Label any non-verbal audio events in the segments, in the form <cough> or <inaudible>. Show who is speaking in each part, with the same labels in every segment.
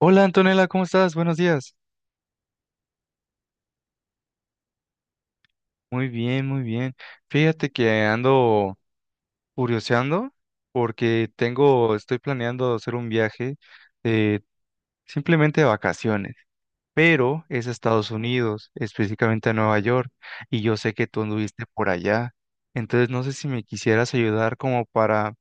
Speaker 1: Hola Antonella, ¿cómo estás? Buenos días. Muy bien, muy bien. Fíjate que ando curioseando porque estoy planeando hacer un viaje de simplemente de vacaciones, pero es a Estados Unidos, específicamente a Nueva York, y yo sé que tú anduviste por allá. Entonces no sé si me quisieras ayudar como para,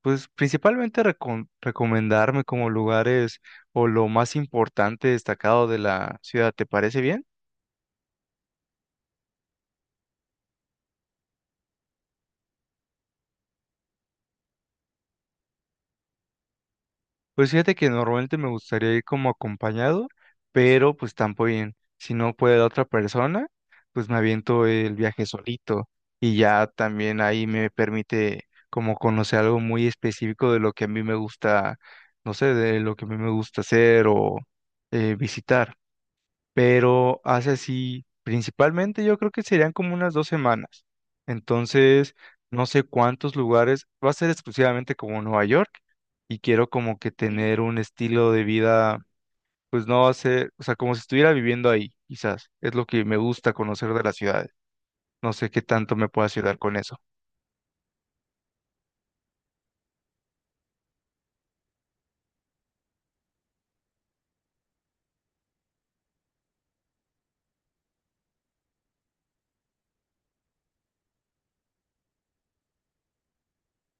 Speaker 1: pues principalmente recomendarme como lugares o lo más importante destacado de la ciudad. ¿Te parece bien? Pues fíjate que normalmente me gustaría ir como acompañado, pero pues tampoco bien. Si no puede la otra persona, pues me aviento el viaje solito y ya también ahí me permite como conocer algo muy específico de lo que a mí me gusta, no sé, de lo que a mí me gusta hacer o visitar pero hace así, principalmente yo creo que serían como unas 2 semanas. Entonces, no sé cuántos lugares, va a ser exclusivamente como Nueva York y quiero como que tener un estilo de vida, pues no va a ser, o sea, como si estuviera viviendo ahí, quizás. Es lo que me gusta conocer de las ciudades. No sé qué tanto me pueda ayudar con eso.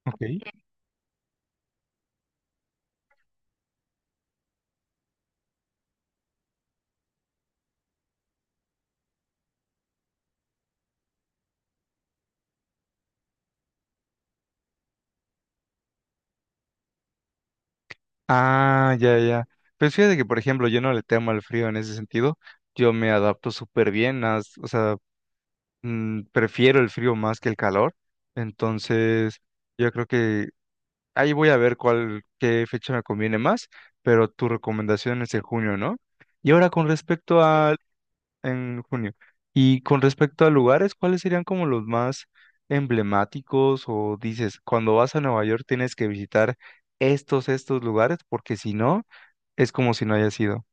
Speaker 1: Ok. Ah, ya, ya. Pues fíjate que, por ejemplo, yo no le temo al frío en ese sentido. Yo me adapto súper bien, o sea, prefiero el frío más que el calor, entonces yo creo que ahí voy a ver cuál, qué fecha me conviene más, pero tu recomendación es en junio, ¿no? Y ahora con respecto a, en junio, y con respecto a lugares, ¿cuáles serían como los más emblemáticos o dices, cuando vas a Nueva York tienes que visitar estos lugares, porque si no, es como si no hayas ido.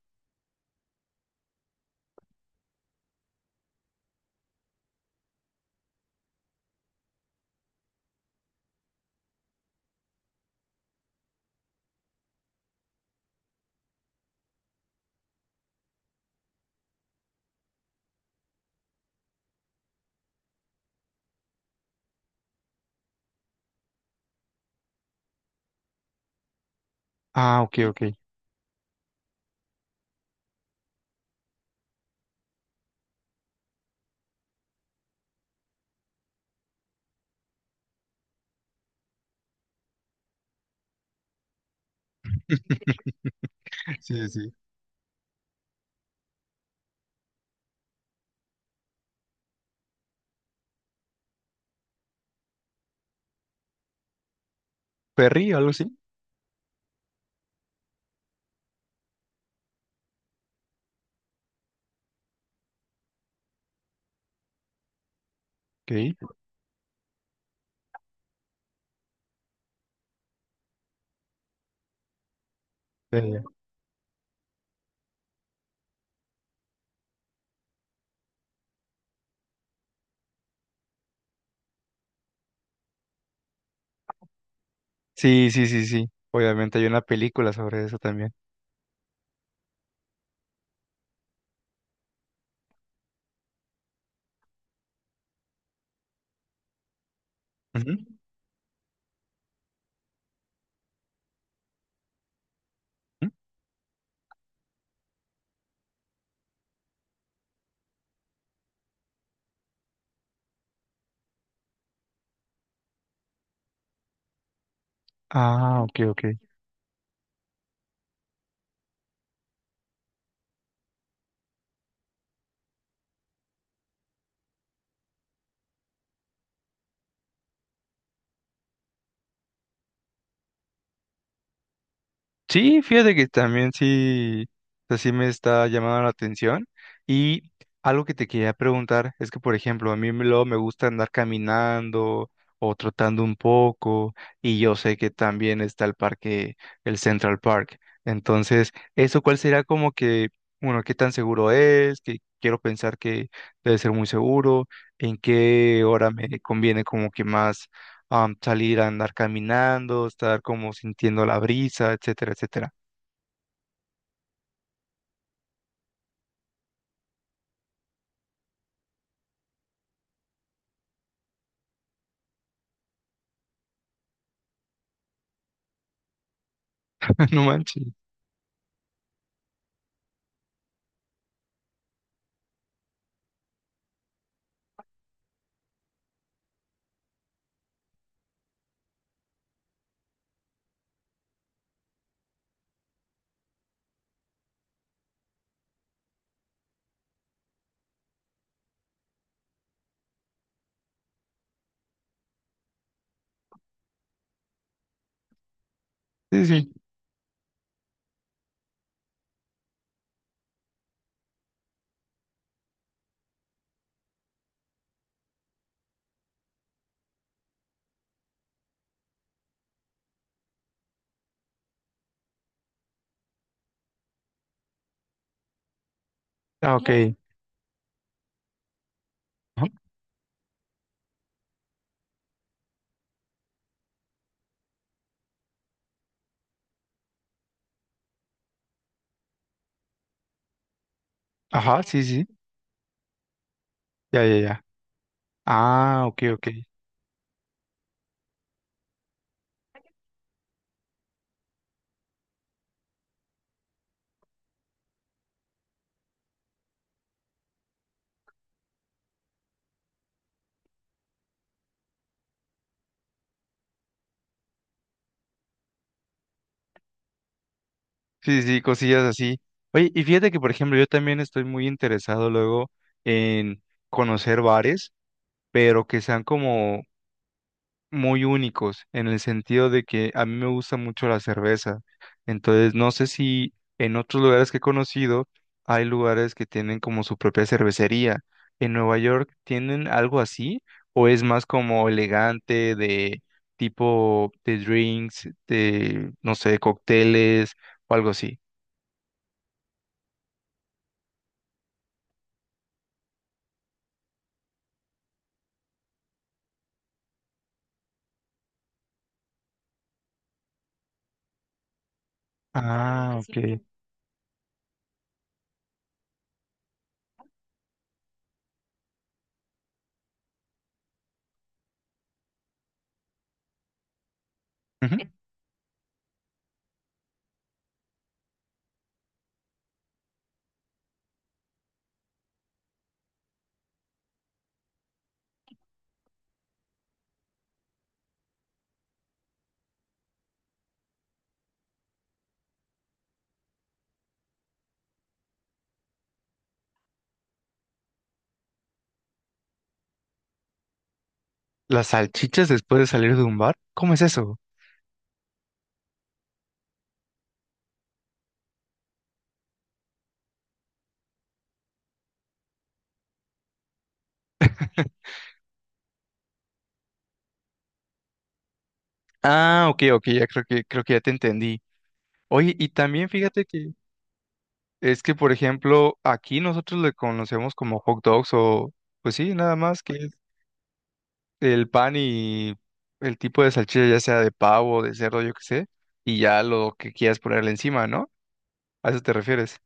Speaker 1: Ah, ok, ok. <laughs> Sí, sí. Perry, algo así. Ok. Eh, Sí, sí, sí, sí. Obviamente hay una película sobre eso también. Ujú. Ujú. Ah, ok, ok. Sí, fíjate que también sí, o sea, sí me está llamando la atención. Y algo que te quería preguntar es que, por ejemplo, a mí luego me gusta andar caminando o trotando un poco, y yo sé que también está el parque, el Central Park. Entonces, ¿eso cuál será como que, bueno, qué tan seguro es? Que quiero pensar que debe ser muy seguro, en qué hora me conviene como que más salir a andar caminando, estar como sintiendo la brisa, etcétera, etcétera. <laughs> No manches. Sí, sí. Ah, ok. Claro. Ajá, ajá, sí, sí. Ya, ya, ya. Ah, ok, ok. Sí, sí, cosillas así. Oye, y fíjate que, por ejemplo, yo también estoy muy interesado luego en conocer bares, pero que sean como muy únicos en el sentido de que a mí me gusta mucho la cerveza. Entonces, no sé si en otros lugares que he conocido hay lugares que tienen como su propia cervecería. ¿En Nueva York tienen algo así? ¿O es más como elegante de tipo de drinks, de, no sé, cócteles o algo así? Ah, ok. Ujú. ¿Las salchichas después de salir de un bar? ¿Cómo es eso? Ah, ok, ok, ya creo que ya te entendí. Oye, y también fíjate que es que, por ejemplo, aquí nosotros le conocemos como hot dogs o, pues sí, nada más que es el pan y el tipo de salchicha, ya sea de pavo, de cerdo, yo qué sé, y ya lo que quieras ponerle encima, ¿no? A eso te refieres.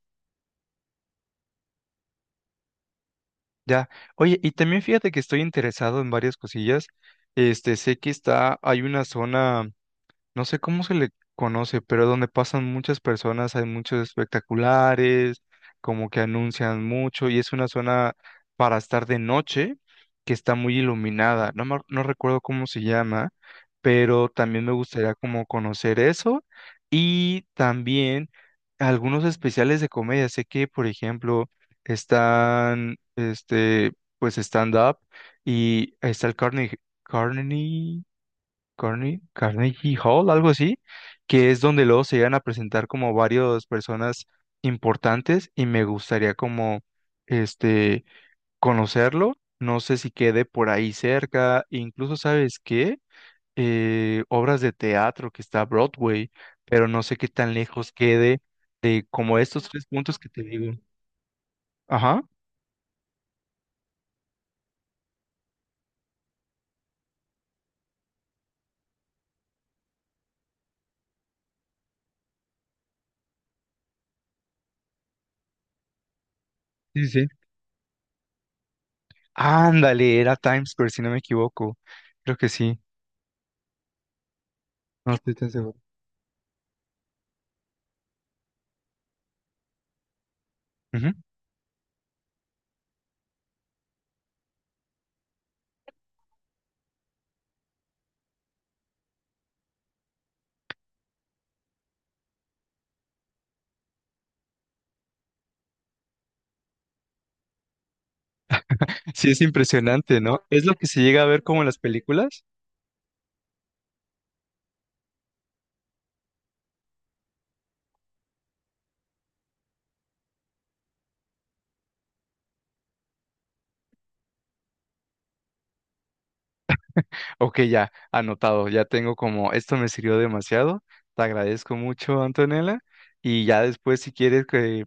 Speaker 1: Ya. Oye, y también fíjate que estoy interesado en varias cosillas. Este, sé que está, hay una zona. No sé cómo se le conoce, pero donde pasan muchas personas, hay muchos espectaculares, como que anuncian mucho, y es una zona para estar de noche que está muy iluminada. No, no recuerdo cómo se llama, pero también me gustaría como conocer eso y también algunos especiales de comedia. Sé que, por ejemplo, están, este, pues stand-up y está el Carnegie, Carnegie Hall, algo así, que es donde luego se llegan a presentar como varias personas importantes y me gustaría como este conocerlo. No sé si quede por ahí cerca, incluso sabes qué, obras de teatro que está Broadway, pero no sé qué tan lejos quede de como estos tres puntos que te digo. Ajá, sí, sí. Sí. Ándale, era Times Square, si no me equivoco. Creo que sí, no estoy tan seguro. Sí, es impresionante, ¿no? ¿Es lo que se llega a ver como en las películas? Ok, ya, anotado, ya tengo como, esto me sirvió demasiado, te agradezco mucho, Antonella, y ya después si quieres que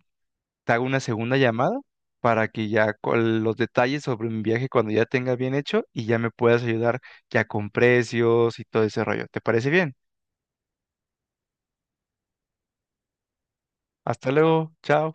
Speaker 1: te haga una segunda llamada para que ya con los detalles sobre mi viaje cuando ya tenga bien hecho y ya me puedas ayudar ya con precios y todo ese rollo. ¿Te parece bien? Hasta luego, chao.